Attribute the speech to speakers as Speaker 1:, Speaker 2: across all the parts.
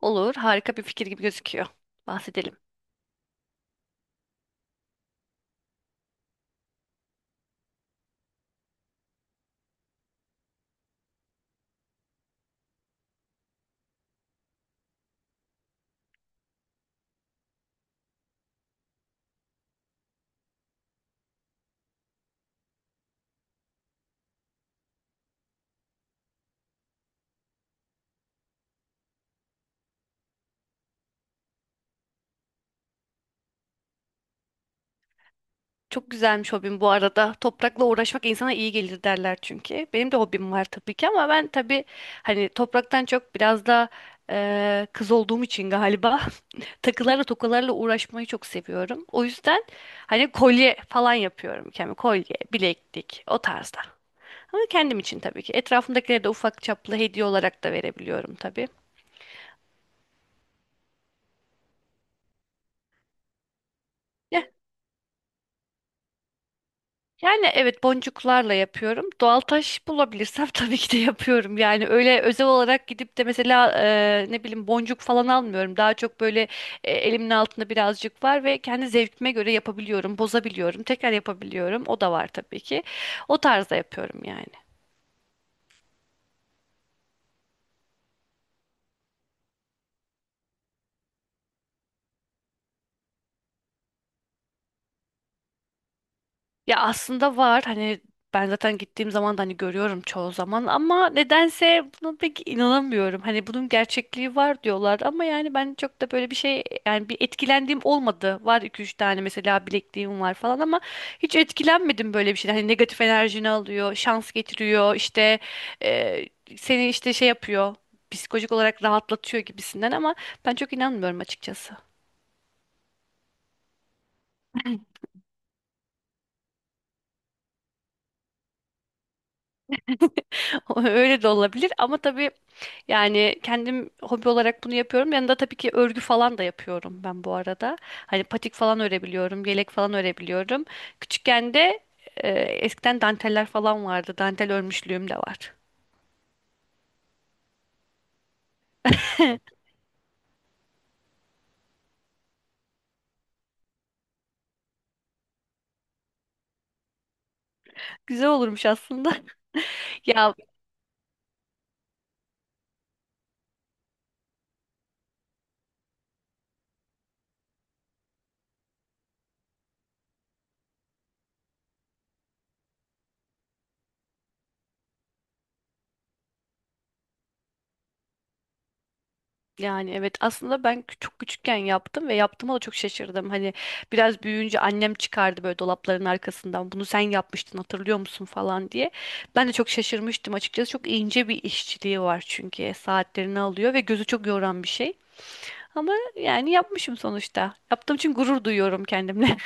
Speaker 1: Olur, harika bir fikir gibi gözüküyor. Bahsedelim. Çok güzelmiş hobim bu arada. Toprakla uğraşmak insana iyi gelir derler çünkü. Benim de hobim var tabii ki, ama ben tabii hani topraktan çok biraz da kız olduğum için galiba takılarla tokalarla uğraşmayı çok seviyorum. O yüzden hani kolye falan yapıyorum kendime. Kolye, bileklik o tarzda. Ama kendim için tabii ki. Etrafımdakilere de ufak çaplı hediye olarak da verebiliyorum tabii. Yani evet, boncuklarla yapıyorum. Doğal taş bulabilirsem tabii ki de yapıyorum. Yani öyle özel olarak gidip de mesela ne bileyim boncuk falan almıyorum. Daha çok böyle elimin altında birazcık var ve kendi zevkime göre yapabiliyorum, bozabiliyorum, tekrar yapabiliyorum. O da var tabii ki. O tarzda yapıyorum yani. Ya aslında var hani, ben zaten gittiğim zaman da hani görüyorum çoğu zaman ama nedense buna pek inanamıyorum. Hani bunun gerçekliği var diyorlar ama yani ben çok da böyle bir şey, yani bir etkilendiğim olmadı. Var iki üç tane mesela bilekliğim var falan ama hiç etkilenmedim böyle bir şeyden. Hani negatif enerjini alıyor, şans getiriyor, işte e, seni işte şey yapıyor, psikolojik olarak rahatlatıyor gibisinden, ama ben çok inanmıyorum açıkçası. Öyle de olabilir ama tabii. Yani kendim hobi olarak bunu yapıyorum. Yanında tabii ki örgü falan da yapıyorum ben bu arada. Hani patik falan örebiliyorum, yelek falan örebiliyorum. Küçükken de eskiden danteller falan vardı. Dantel örmüşlüğüm de var. Güzel olurmuş aslında. Ya, yani evet, aslında ben çok küçükken yaptım ve yaptığıma da çok şaşırdım. Hani biraz büyüyünce annem çıkardı böyle dolapların arkasından, "Bunu sen yapmıştın, hatırlıyor musun?" falan diye. Ben de çok şaşırmıştım açıkçası. Çok ince bir işçiliği var çünkü, saatlerini alıyor ve gözü çok yoran bir şey. Ama yani yapmışım sonuçta. Yaptığım için gurur duyuyorum kendimle.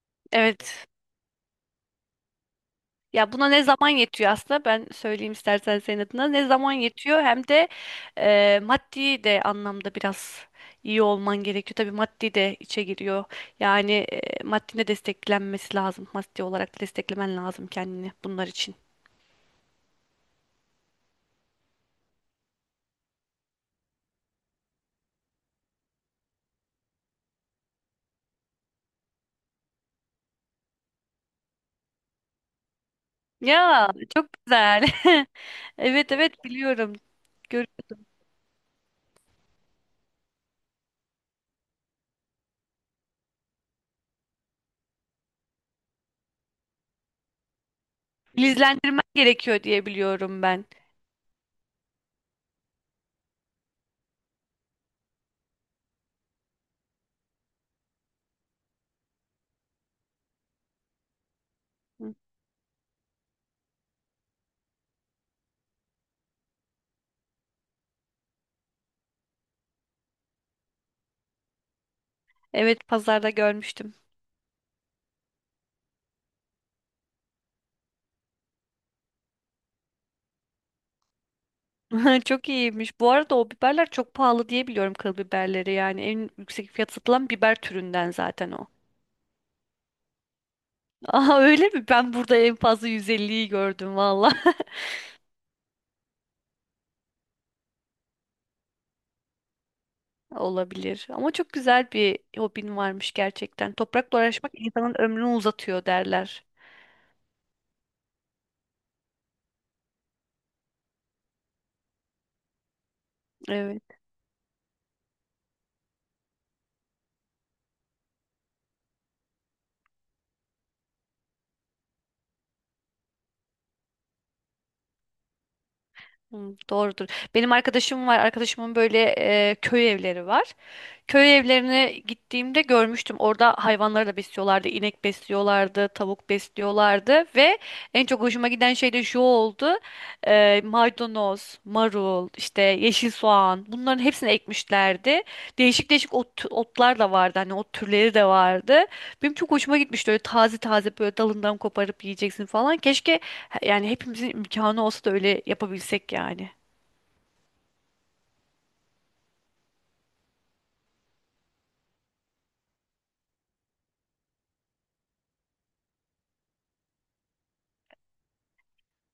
Speaker 1: Evet. Ya buna ne zaman yetiyor aslında, ben söyleyeyim istersen senin adına. Ne zaman yetiyor hem de maddi de anlamda biraz iyi olman gerekiyor. Tabii maddi de içe giriyor. Yani maddi de desteklenmesi lazım. Maddi olarak da desteklemen lazım kendini bunlar için. Ya çok güzel. Evet, evet, biliyorum. Gör, izlendirmen gerekiyor diye biliyorum ben. Evet, pazarda görmüştüm. Çok iyiymiş. Bu arada o biberler çok pahalı diye biliyorum, kıl biberleri. Yani en yüksek fiyat satılan biber türünden zaten o. Aa, öyle mi? Ben burada en fazla 150'yi gördüm valla. Olabilir. Ama çok güzel bir hobin varmış gerçekten. Toprakla uğraşmak insanın ömrünü uzatıyor derler. Evet. Hı, doğrudur. Benim arkadaşım var. Arkadaşımın böyle köy evleri var. Köy evlerine gittiğimde görmüştüm. Orada hayvanları da besliyorlardı. İnek besliyorlardı, tavuk besliyorlardı ve en çok hoşuma giden şey de şu oldu. Maydanoz, marul, işte yeşil soğan, bunların hepsini ekmişlerdi. Değişik değişik ot, otlar da vardı. Hani ot türleri de vardı. Benim çok hoşuma gitmişti. Öyle taze taze böyle dalından koparıp yiyeceksin falan. Keşke yani hepimizin imkanı olsa da öyle yapabilsek yani.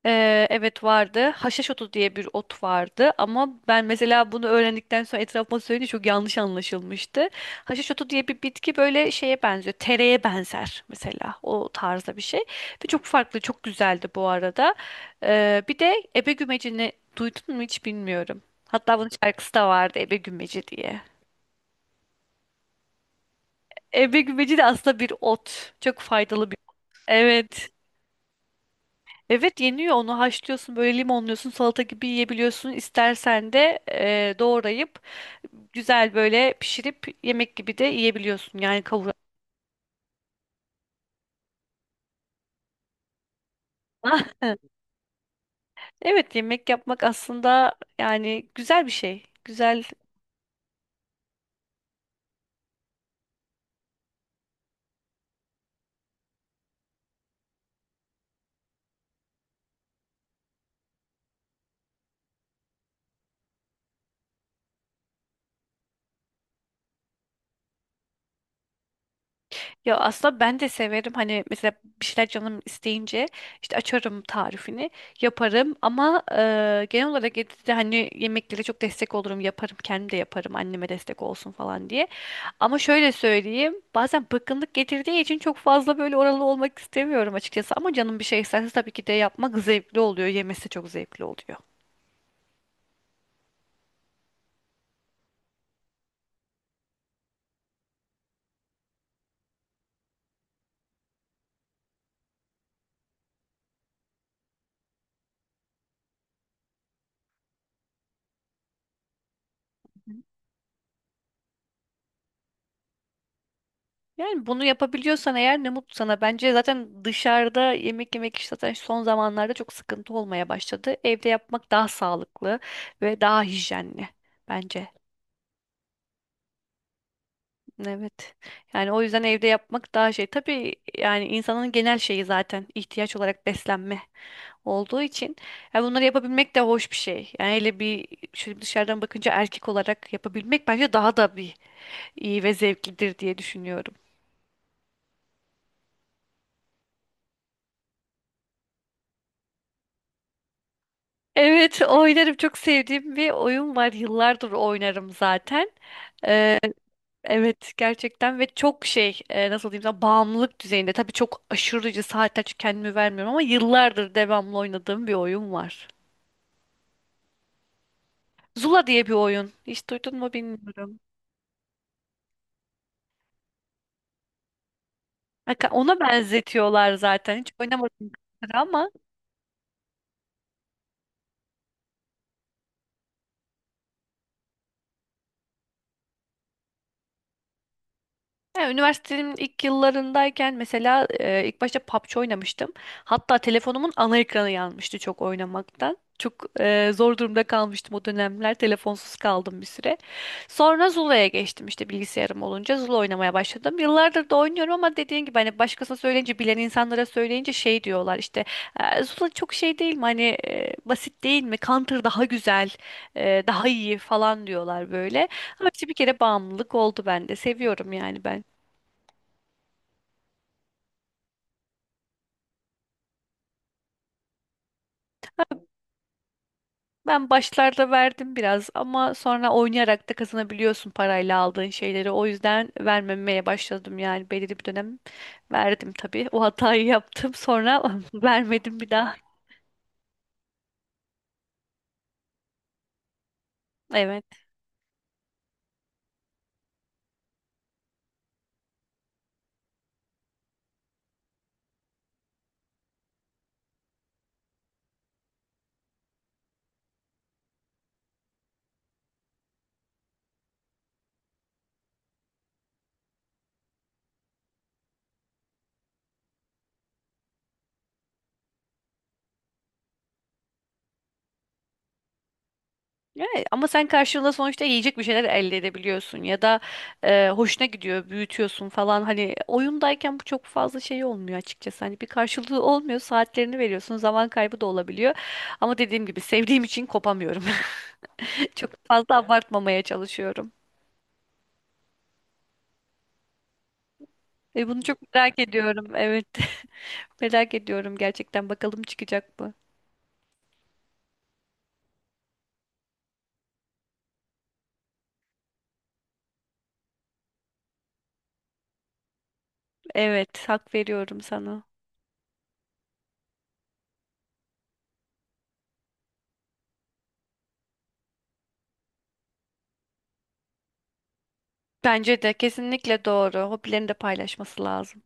Speaker 1: Evet, vardı. Haşhaş otu diye bir ot vardı ama ben mesela bunu öğrendikten sonra etrafıma söyleyince çok yanlış anlaşılmıştı. Haşhaş otu diye bir bitki böyle şeye benziyor. Tereye benzer mesela, o tarzda bir şey. Ve çok farklı, çok güzeldi bu arada. Bir de ebe gümecini duydun mu, hiç bilmiyorum. Hatta bunun şarkısı da vardı, ebe gümeci diye. Ebe gümeci de aslında bir ot. Çok faydalı bir. Evet. Evet, yeniyor. Onu haşlıyorsun böyle, limonluyorsun, salata gibi yiyebiliyorsun. İstersen de doğrayıp güzel böyle pişirip yemek gibi de yiyebiliyorsun yani, kavurma. Evet, yemek yapmak aslında yani güzel bir şey. Güzel. Ya aslında ben de severim hani, mesela bir şeyler canım isteyince işte açarım tarifini, yaparım, ama genel olarak evde de hani yemeklere çok destek olurum, yaparım kendim de, yaparım anneme destek olsun falan diye. Ama şöyle söyleyeyim, bazen bıkkınlık getirdiği için çok fazla böyle oralı olmak istemiyorum açıkçası. Ama canım bir şey isterse tabii ki de yapmak zevkli oluyor, yemesi çok zevkli oluyor. Yani bunu yapabiliyorsan eğer ne mutlu sana. Bence zaten dışarıda yemek yemek işte zaten son zamanlarda çok sıkıntı olmaya başladı. Evde yapmak daha sağlıklı ve daha hijyenli bence. Evet. Yani o yüzden evde yapmak daha şey. Tabii yani insanın genel şeyi zaten ihtiyaç olarak beslenme olduğu için, ya bunları yapabilmek de hoş bir şey. Yani hele bir şöyle dışarıdan bakınca, erkek olarak yapabilmek bence daha da bir iyi ve zevklidir diye düşünüyorum. Evet, oynarım. Çok sevdiğim bir oyun var. Yıllardır oynarım zaten. Ee, evet, gerçekten ve çok şey, nasıl diyeyim sana, bağımlılık düzeyinde. Tabii çok aşırıcı saatler çünkü kendimi vermiyorum, ama yıllardır devamlı oynadığım bir oyun var. Zula diye bir oyun. Hiç duydun mu bilmiyorum. Ona benzetiyorlar zaten. Hiç oynamadım ama. Yani üniversitemin ilk yıllarındayken mesela ilk başta PUBG oynamıştım. Hatta telefonumun ana ekranı yanmıştı çok oynamaktan. Çok zor durumda kalmıştım o dönemler. Telefonsuz kaldım bir süre. Sonra Zula'ya geçtim, işte bilgisayarım olunca Zula oynamaya başladım. Yıllardır da oynuyorum ama dediğin gibi hani başkasına söyleyince, bilen insanlara söyleyince şey diyorlar, işte Zula çok şey değil mi hani, basit değil mi? Counter daha güzel, daha iyi" falan diyorlar böyle. Ama işte bir kere bağımlılık oldu bende. Seviyorum yani ben. Ben başlarda verdim biraz ama sonra oynayarak da kazanabiliyorsun parayla aldığın şeyleri. O yüzden vermemeye başladım, yani belirli bir dönem verdim tabii. O hatayı yaptım, sonra vermedim bir daha. Evet. Evet. Ama sen karşılığında sonuçta yiyecek bir şeyler elde edebiliyorsun ya da hoşuna gidiyor, büyütüyorsun falan. Hani oyundayken bu çok fazla şey olmuyor açıkçası. Hani bir karşılığı olmuyor, saatlerini veriyorsun, zaman kaybı da olabiliyor. Ama dediğim gibi sevdiğim için kopamıyorum. Çok fazla abartmamaya çalışıyorum. Ve bunu çok merak ediyorum. Evet. Merak ediyorum gerçekten. Bakalım, çıkacak mı? Evet, hak veriyorum sana. Bence de kesinlikle doğru. Hobilerini de paylaşması lazım.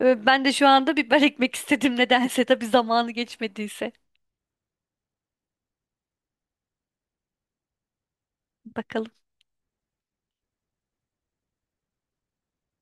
Speaker 1: Ben de şu anda biber ekmek istedim nedense. Tabii zamanı geçmediyse. Bakalım.